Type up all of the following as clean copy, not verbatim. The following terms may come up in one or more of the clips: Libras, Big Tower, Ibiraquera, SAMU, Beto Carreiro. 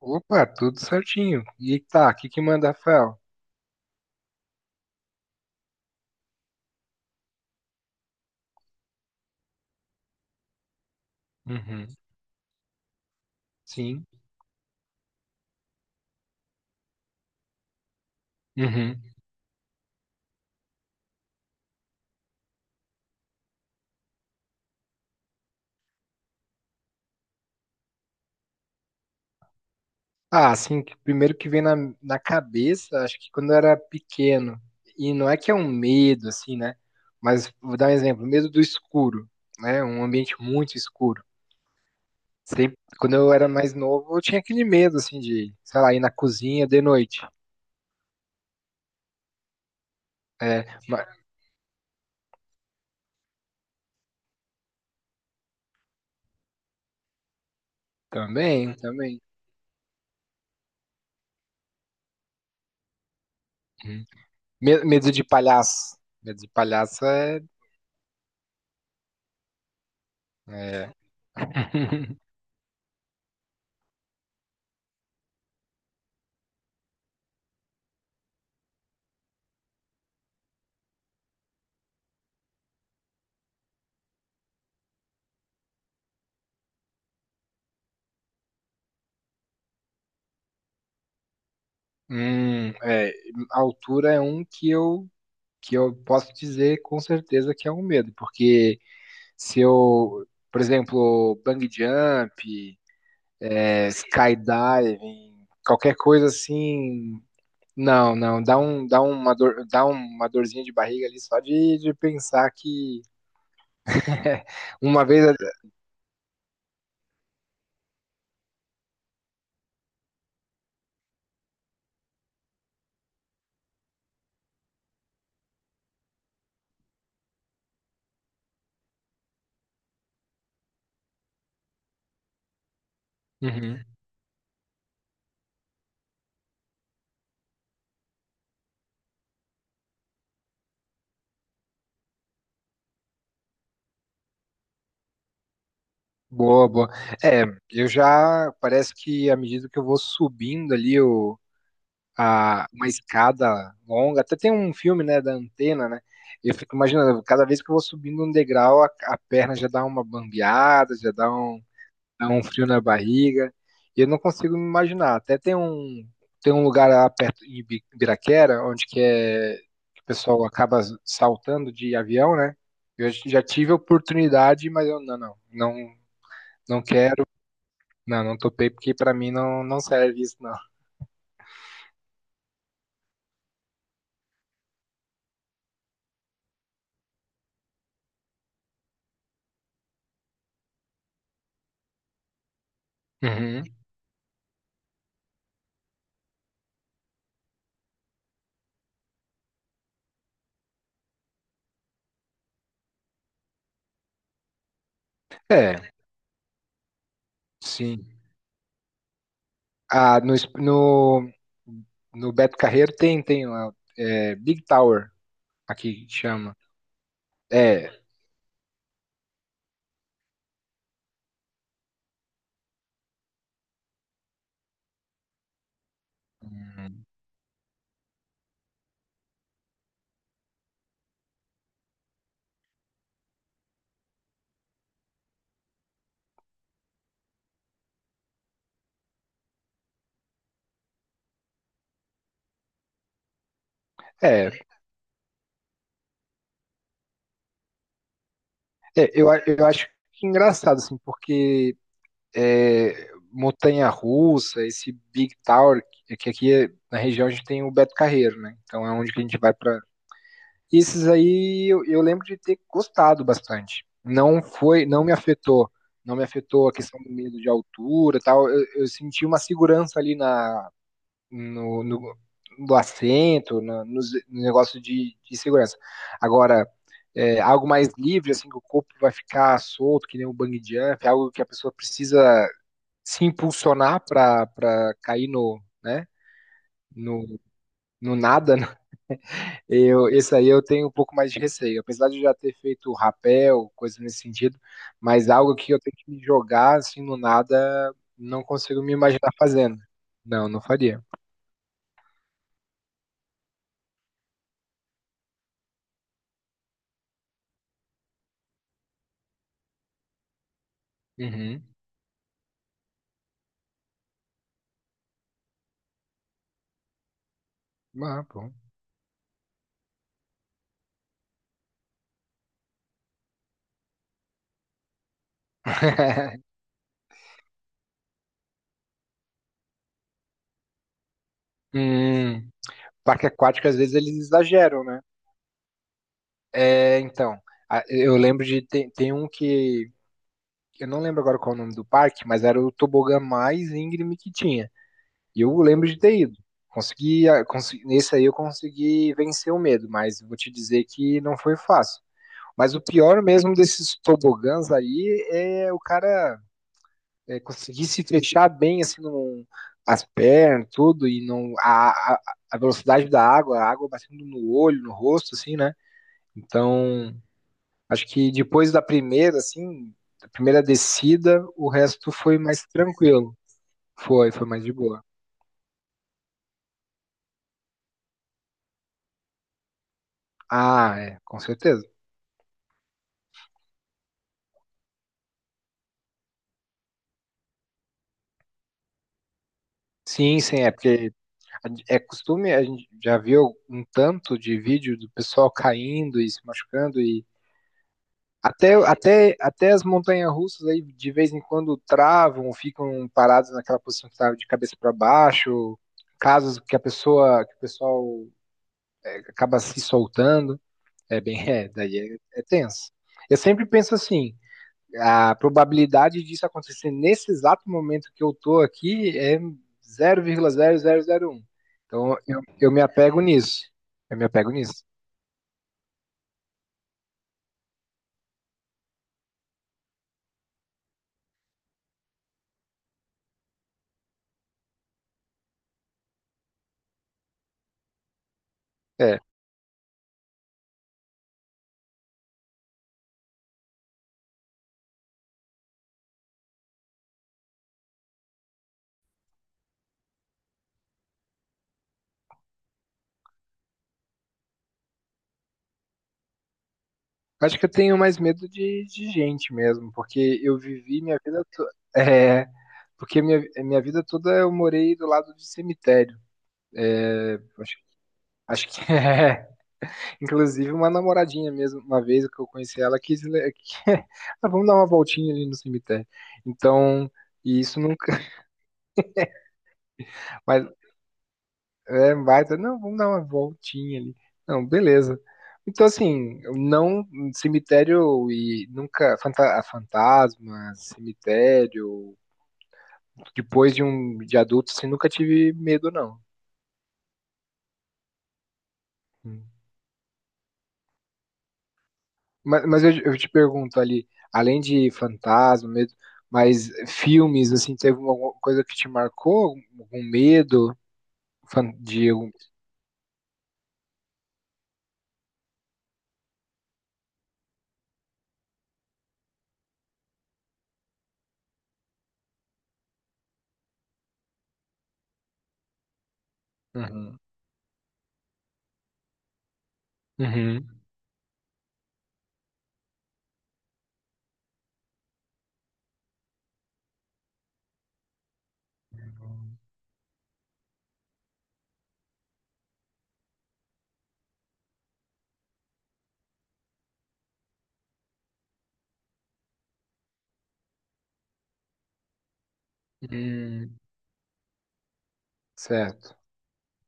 Opa, tudo certinho. E tá, o que que manda, Rafael? Uhum, sim. Uhum. Ah, assim, que primeiro que vem na cabeça, acho que quando eu era pequeno, e não é que é um medo, assim, né? Mas vou dar um exemplo, medo do escuro, né? Um ambiente muito escuro. Sempre, quando eu era mais novo, eu tinha aquele medo, assim, de, sei lá, ir na cozinha de noite. É, mas, também, também. Uhum. Medo de palhaço. Medo de palhaço é. Hum, é, a altura é um que eu posso dizer com certeza que é um medo, porque se eu, por exemplo, bungee jump, skydiving, qualquer coisa assim, não, não, dá uma dorzinha de barriga ali só de pensar que. Uma vez. Uhum. Boa, boa. É, parece que à medida que eu vou subindo ali uma escada longa. Até tem um filme, né, da antena, né? Eu fico imaginando, cada vez que eu vou subindo um degrau, a perna já dá uma bambeada, dá um frio na barriga. E eu não consigo me imaginar. Até tem um lugar lá perto em Ibiraquera, onde que é que o pessoal acaba saltando de avião, né? Eu já tive a oportunidade, mas eu não, não, não, não quero, não, não topei porque para mim não, não serve isso, não. Uhum. É, sim. Ah, no Beto Carreiro tem lá, Big Tower, aqui que chama. É, é, eu acho que engraçado, assim, porque montanha-russa, esse Big Tower, que aqui na região a gente tem o Beto Carreiro, né? Então é onde que a gente vai para. Esses aí eu lembro de ter gostado bastante. Não me afetou a questão do medo de altura, e tal. Eu senti uma segurança ali na no, no, do assento, no negócio de segurança. Agora, algo mais livre, assim, que o corpo vai ficar solto, que nem um bang jump, algo que a pessoa precisa se impulsionar para cair no, né, no, no nada, né? Esse aí eu tenho um pouco mais de receio, apesar de eu já ter feito rapel, coisa nesse sentido, mas algo que eu tenho que me jogar, assim, no nada, não consigo me imaginar fazendo. Não, não faria. Uhum. Ah, bom. Hum, Parque aquático, às vezes eles exageram, né? É, então, eu lembro de. Tem um que. Eu não lembro agora qual é o nome do parque, mas era o tobogã mais íngreme que tinha. E eu lembro de ter ido. Nesse aí eu consegui vencer o medo, mas vou te dizer que não foi fácil. Mas o pior mesmo desses tobogãs aí é o cara. Conseguisse fechar bem assim as pernas, tudo, e não a velocidade da água, a água batendo no olho, no rosto, assim, né? Então, acho que depois da primeira, assim, da primeira descida, o resto foi mais tranquilo. Foi mais de boa. Ah, é, com certeza. Sim, sim, é porque é costume, a gente já viu um tanto de vídeo do pessoal caindo e se machucando. E até as montanhas-russas aí de vez em quando travam, ficam paradas naquela posição que estava de cabeça para baixo, casos que o pessoal acaba se soltando, daí é tenso. Eu sempre penso assim, a probabilidade disso acontecer nesse exato momento que eu tô aqui é zero vírgula zero zero zero vírgula um. Então eu me apego nisso. Eu me apego nisso. É. Acho que eu tenho mais medo de gente mesmo, porque eu vivi minha vida toda. É, porque minha vida toda eu morei do lado de cemitério. Acho, acho que é. Inclusive, uma namoradinha mesmo, uma vez que eu conheci ela, quis. Ah, vamos dar uma voltinha ali no cemitério. Então, e isso nunca. Mas é baita. Não, vamos dar uma voltinha ali. Não, beleza. Então, assim, eu não. Cemitério e nunca. Fantasma, cemitério. Depois de adulto, assim, nunca tive medo, não. Hum. Mas eu te pergunto ali, além de fantasma, medo, mas filmes, assim, teve alguma coisa que te marcou? Algum medo fan- de algum- Uhum. Uhum. Hum, certo.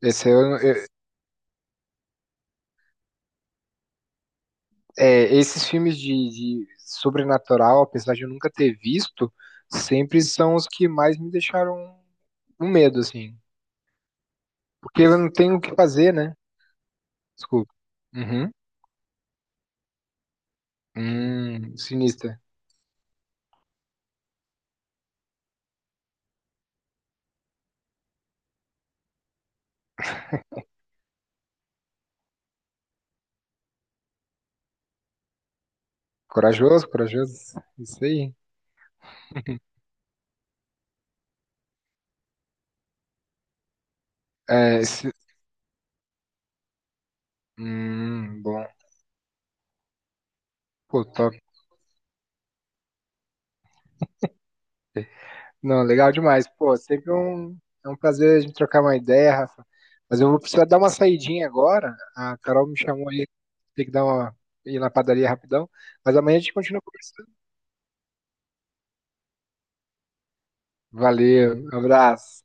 Esse eu- eu- esses filmes de sobrenatural, apesar de eu nunca ter visto, sempre são os que mais me deixaram um medo, assim. Porque eu não tenho o que fazer, né? Desculpa. Uhum. Sinistra. Corajoso, corajoso. Isso aí. É, bom. Pô, top. Não, legal demais. Pô, é um prazer a gente trocar uma ideia, Rafa. Mas eu vou precisar dar uma saidinha agora. A Carol me chamou aí, tem que dar uma ir na padaria rapidão. Mas amanhã a gente continua conversando. Valeu, abraço.